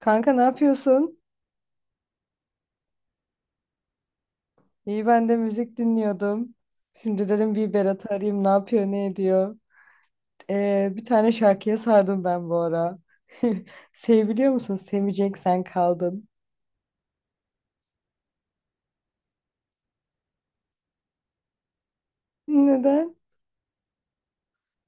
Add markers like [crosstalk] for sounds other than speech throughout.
Kanka ne yapıyorsun? İyi ben de müzik dinliyordum. Şimdi dedim bir Berat'ı arayayım ne yapıyor ne ediyor. Bir tane şarkıya sardım ben bu ara. [laughs] Şey biliyor musun? Sevecek sen kaldın. Neden?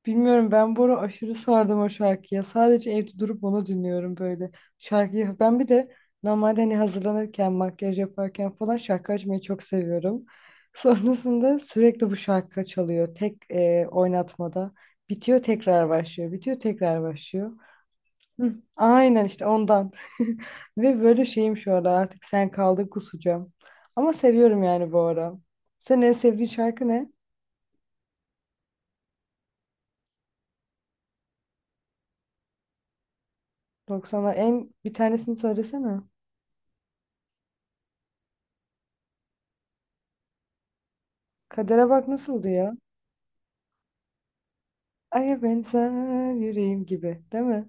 Bilmiyorum ben bu ara aşırı sardım o şarkıya. Sadece evde durup onu dinliyorum böyle. Şarkıyı ben bir de normalde hani hazırlanırken, makyaj yaparken falan şarkı açmayı çok seviyorum. [laughs] Sonrasında sürekli bu şarkı çalıyor. Tek oynatmada. Bitiyor tekrar başlıyor. Bitiyor tekrar başlıyor. Hı, aynen işte ondan. [laughs] Ve böyle şeyim şu ara artık sen kaldın kusacağım. Ama seviyorum yani bu ara. Senin en sevdiğin şarkı ne? 90'lar en bir tanesini söylesene. Kadere bak nasıldı ya? Aya benzer yüreğim gibi, değil mi?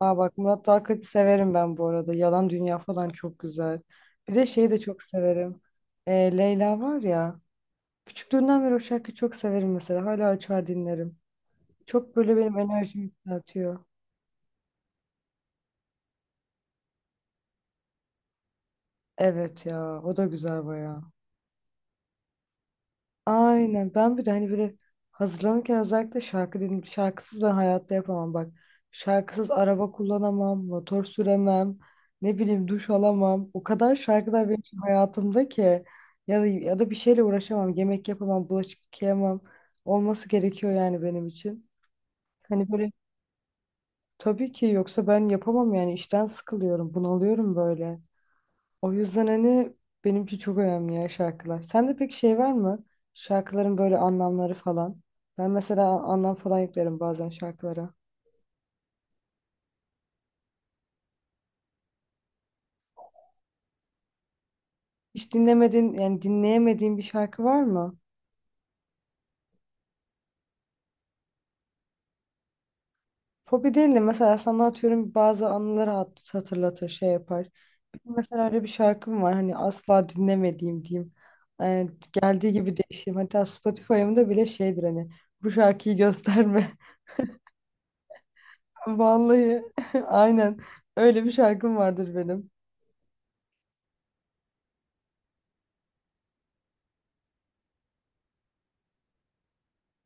Aa bak Murat Dalkılıç'ı severim ben bu arada. Yalan Dünya falan çok güzel. Bir de şeyi de çok severim. Leyla var ya. Küçüklüğümden beri o şarkıyı çok severim mesela. Hala açar dinlerim. Çok böyle benim enerjimi yükseltiyor. Evet ya, o da güzel bayağı. Aynen. Ben bir de hani böyle hazırlanırken özellikle şarkı dinleyip şarkısız ben hayatta yapamam bak. Şarkısız araba kullanamam, motor süremem, ne bileyim duş alamam. O kadar şarkılar benim için hayatımda ki ya da bir şeyle uğraşamam, yemek yapamam, bulaşık yıkayamam. Olması gerekiyor yani benim için. Hani böyle tabii ki yoksa ben yapamam yani işten sıkılıyorum, bunalıyorum böyle. O yüzden hani benimki çok önemli ya şarkılar. Sende peki şey var mı? Şarkıların böyle anlamları falan. Ben mesela anlam falan yüklerim bazen şarkılara. Hiç dinlemediğin yani dinleyemediğin bir şarkı var mı? Fobi değil de mesela sana atıyorum bazı anıları hatırlatır şey yapar. Mesela öyle bir şarkım var hani asla dinlemediğim diyeyim. Yani geldiği gibi değişim. Hatta Spotify'ımda bile şeydir hani bu şarkıyı gösterme. [laughs] Vallahi [laughs] aynen öyle bir şarkım vardır benim.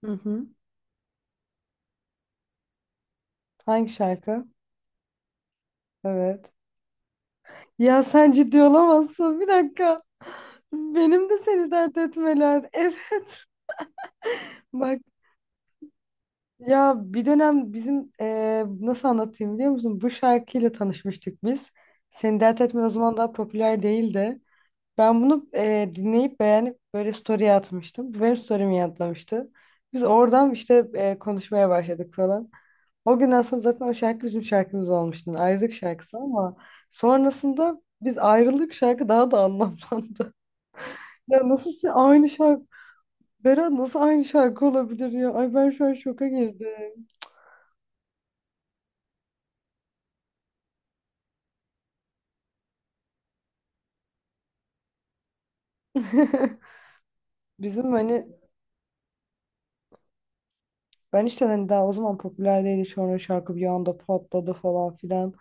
Hı hı. Hangi şarkı? Evet. Ya sen ciddi olamazsın. Bir dakika. Benim de seni dert etmeler. [laughs] Evet. Bak ya bir dönem bizim nasıl anlatayım biliyor musun? Bu şarkıyla tanışmıştık biz. Seni dert etme o zaman daha popüler değildi. Ben bunu dinleyip beğenip böyle story'e atmıştım. Bu benim story'mi yanıtlamıştı. Biz oradan işte konuşmaya başladık falan. O günden sonra zaten o şarkı bizim şarkımız olmuştu. Ayrılık şarkısı ama sonrasında biz ayrılık şarkı daha da anlamlandı. [laughs] Ya nasıl aynı şarkı Berat nasıl aynı şarkı olabilir ya? Ay ben şu an şoka girdim. [laughs] Bizim hani ben işte hani daha o zaman popüler değildi. Sonra şarkı bir anda patladı falan filan.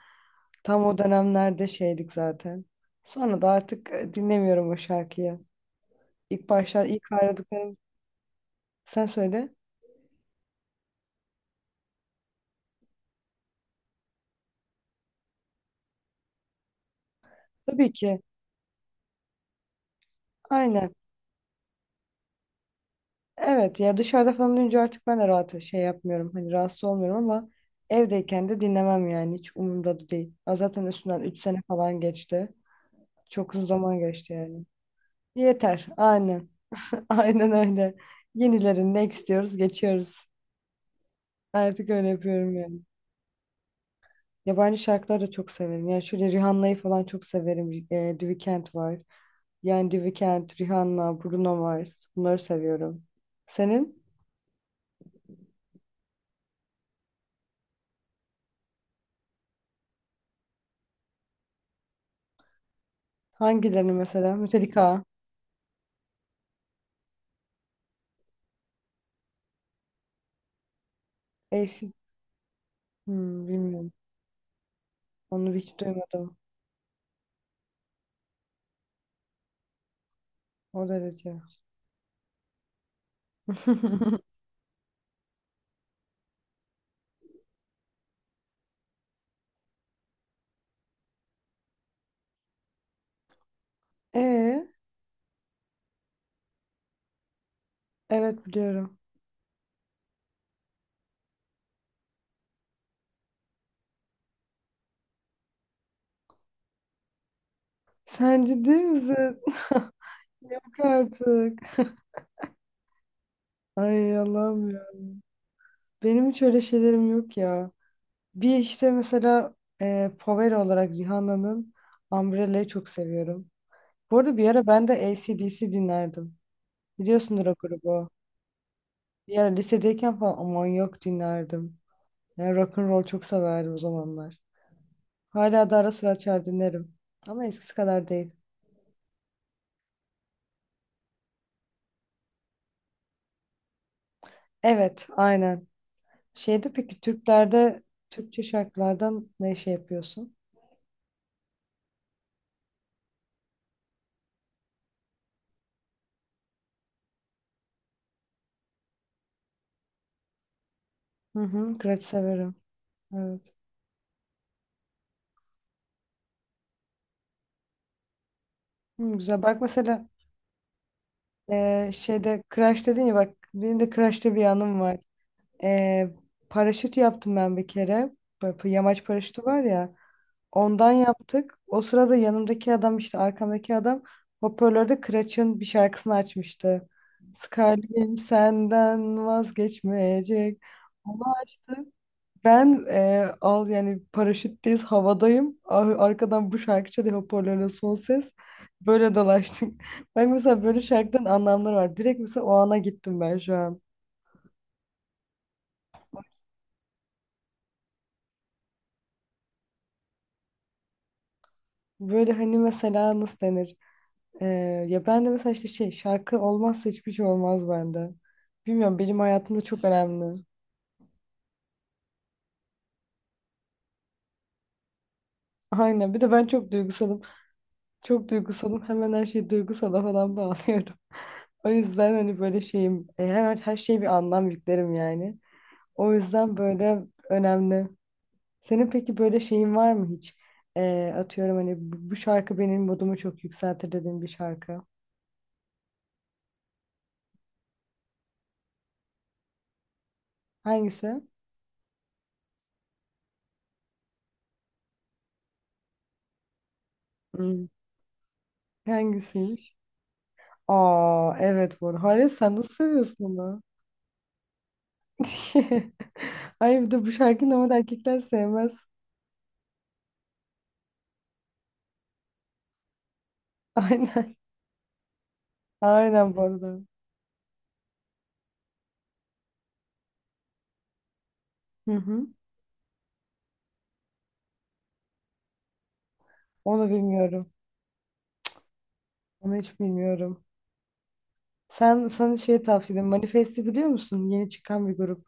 Tam o dönemlerde şeydik zaten. Sonra da artık dinlemiyorum o şarkıyı. İlk başlar ilk ayrıldıklarım sen söyle. Tabii ki. Aynen. Evet ya dışarıda falan olunca artık ben de rahat şey yapmıyorum. Hani rahatsız olmuyorum ama evdeyken de dinlemem yani. Hiç umurumda da değil. Ya zaten üstünden 3 sene falan geçti. Çok uzun zaman geçti yani. Yeter. Aynen. [laughs] Aynen öyle. Yenilerini ne istiyoruz geçiyoruz. Artık öyle yapıyorum yani. Yabancı şarkıları da çok severim. Yani şöyle Rihanna'yı falan çok severim. The Weeknd var. Yani The Weeknd, Rihanna, Bruno Mars. Bunları seviyorum. Senin hangilerini mesela? Metallica. Hmm, bilmiyorum. Onu hiç duymadım. O derece. [laughs] Ee, evet biliyorum. Sen ciddi misin? [laughs] Yok artık. Ay Allah'ım ya. Benim hiç öyle şeylerim yok ya. Bir işte mesela favori olarak Rihanna'nın Umbrella'yı çok seviyorum. Bu arada bir ara ben de AC/DC dinlerdim. Biliyorsundur o grubu. Bir ara lisedeyken falan aman yok dinlerdim. Yani rock and roll çok severdim o zamanlar. Hala da ara sıra açar dinlerim. Ama eskisi kadar değil. Evet, aynen. Şeyde peki Türklerde Türkçe şarkılardan ne şey yapıyorsun? Hı hı, Kıraç severim. Evet. Hı, güzel. Bak mesela şeyde crash dedin ya bak benim de Kıraç'ta bir anım var. Eee, paraşüt yaptım ben bir kere. Böyle yamaç paraşütü var ya. Ondan yaptık. O sırada yanımdaki adam işte arkamdaki adam hoparlörde Kıraç'ın bir şarkısını açmıştı. Skalpim senden vazgeçmeyecek. Onu açtı. Ben al yani paraşütteyiz havadayım. Arkadan bu şarkı çalıyor hoparlörle son ses. Böyle dolaştık. [laughs] Ben mesela böyle şarkıdan anlamları var. Direkt mesela o ana gittim ben şu an. Böyle hani mesela nasıl denir? Ee, ya ben de mesela işte şey şarkı olmazsa hiçbir şey olmaz bende. Bilmiyorum benim hayatımda çok önemli. Aynen bir de ben çok duygusalım. Çok duygusalım hemen her şeyi duygusala falan bağlıyorum. [laughs] O yüzden hani böyle şeyim hemen her şeye bir anlam yüklerim yani. O yüzden böyle önemli. Senin peki böyle şeyin var mı hiç? Atıyorum hani bu şarkı benim modumu çok yükseltir dediğin bir şarkı. Hangisi? Hmm. Hangisiymiş? Aa evet bu arada. Hayır sen nasıl seviyorsun onu? [laughs] Ay bir de bu şarkıyı normalde erkekler sevmez. [laughs] Aynen. Aynen bu arada. Hı hı. Onu bilmiyorum. Onu hiç bilmiyorum. Sen sana şey tavsiye ederim. Manifest'i biliyor musun? Yeni çıkan bir grup.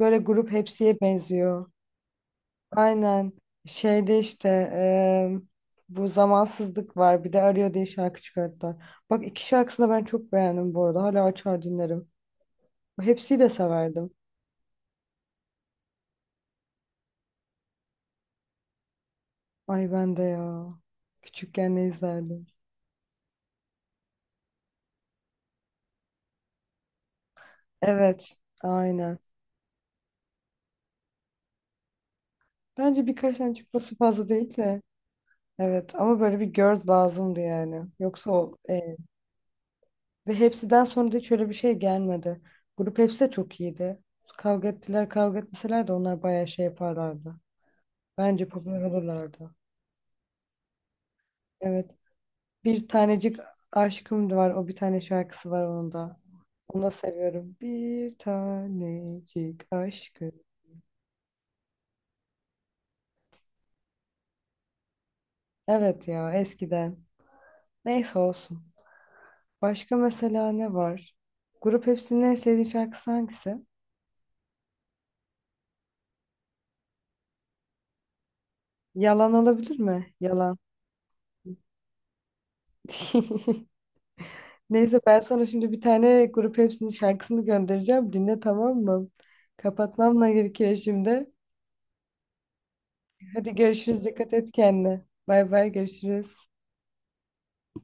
Böyle grup hepsiye benziyor. Aynen. Şeyde işte bu zamansızlık var. Bir de Arıyor diye şarkı çıkarttılar. Bak iki şarkısını da ben çok beğendim bu arada. Hala açar dinlerim. Hepsini de severdim. Ay ben de ya. Küçükken ne izlerdim? Evet, aynen. Bence birkaç tane çıkması fazla değil de. Evet ama böyle bir göz lazımdı yani. Yoksa o ve hepsiden sonra da hiç öyle bir şey gelmedi. Grup hepsi de çok iyiydi. Kavga ettiler kavga etmeseler de onlar bayağı şey yaparlardı. Bence popüler olurlardı. Evet. Bir tanecik aşkım da var. O bir tane şarkısı var onun da. Onu da seviyorum. Bir tanecik aşkım. Evet ya eskiden. Neyse olsun. Başka mesela ne var? Grup Hepsi'nin en sevdiği şarkısı hangisi? Yalan olabilir mi? Yalan. [laughs] Neyse ben sana şimdi bir tane Grup Hepsi'nin şarkısını göndereceğim. Dinle tamam mı? Kapatmam da gerekiyor şimdi. Hadi görüşürüz. Dikkat et kendine. Bay bay görüşürüz.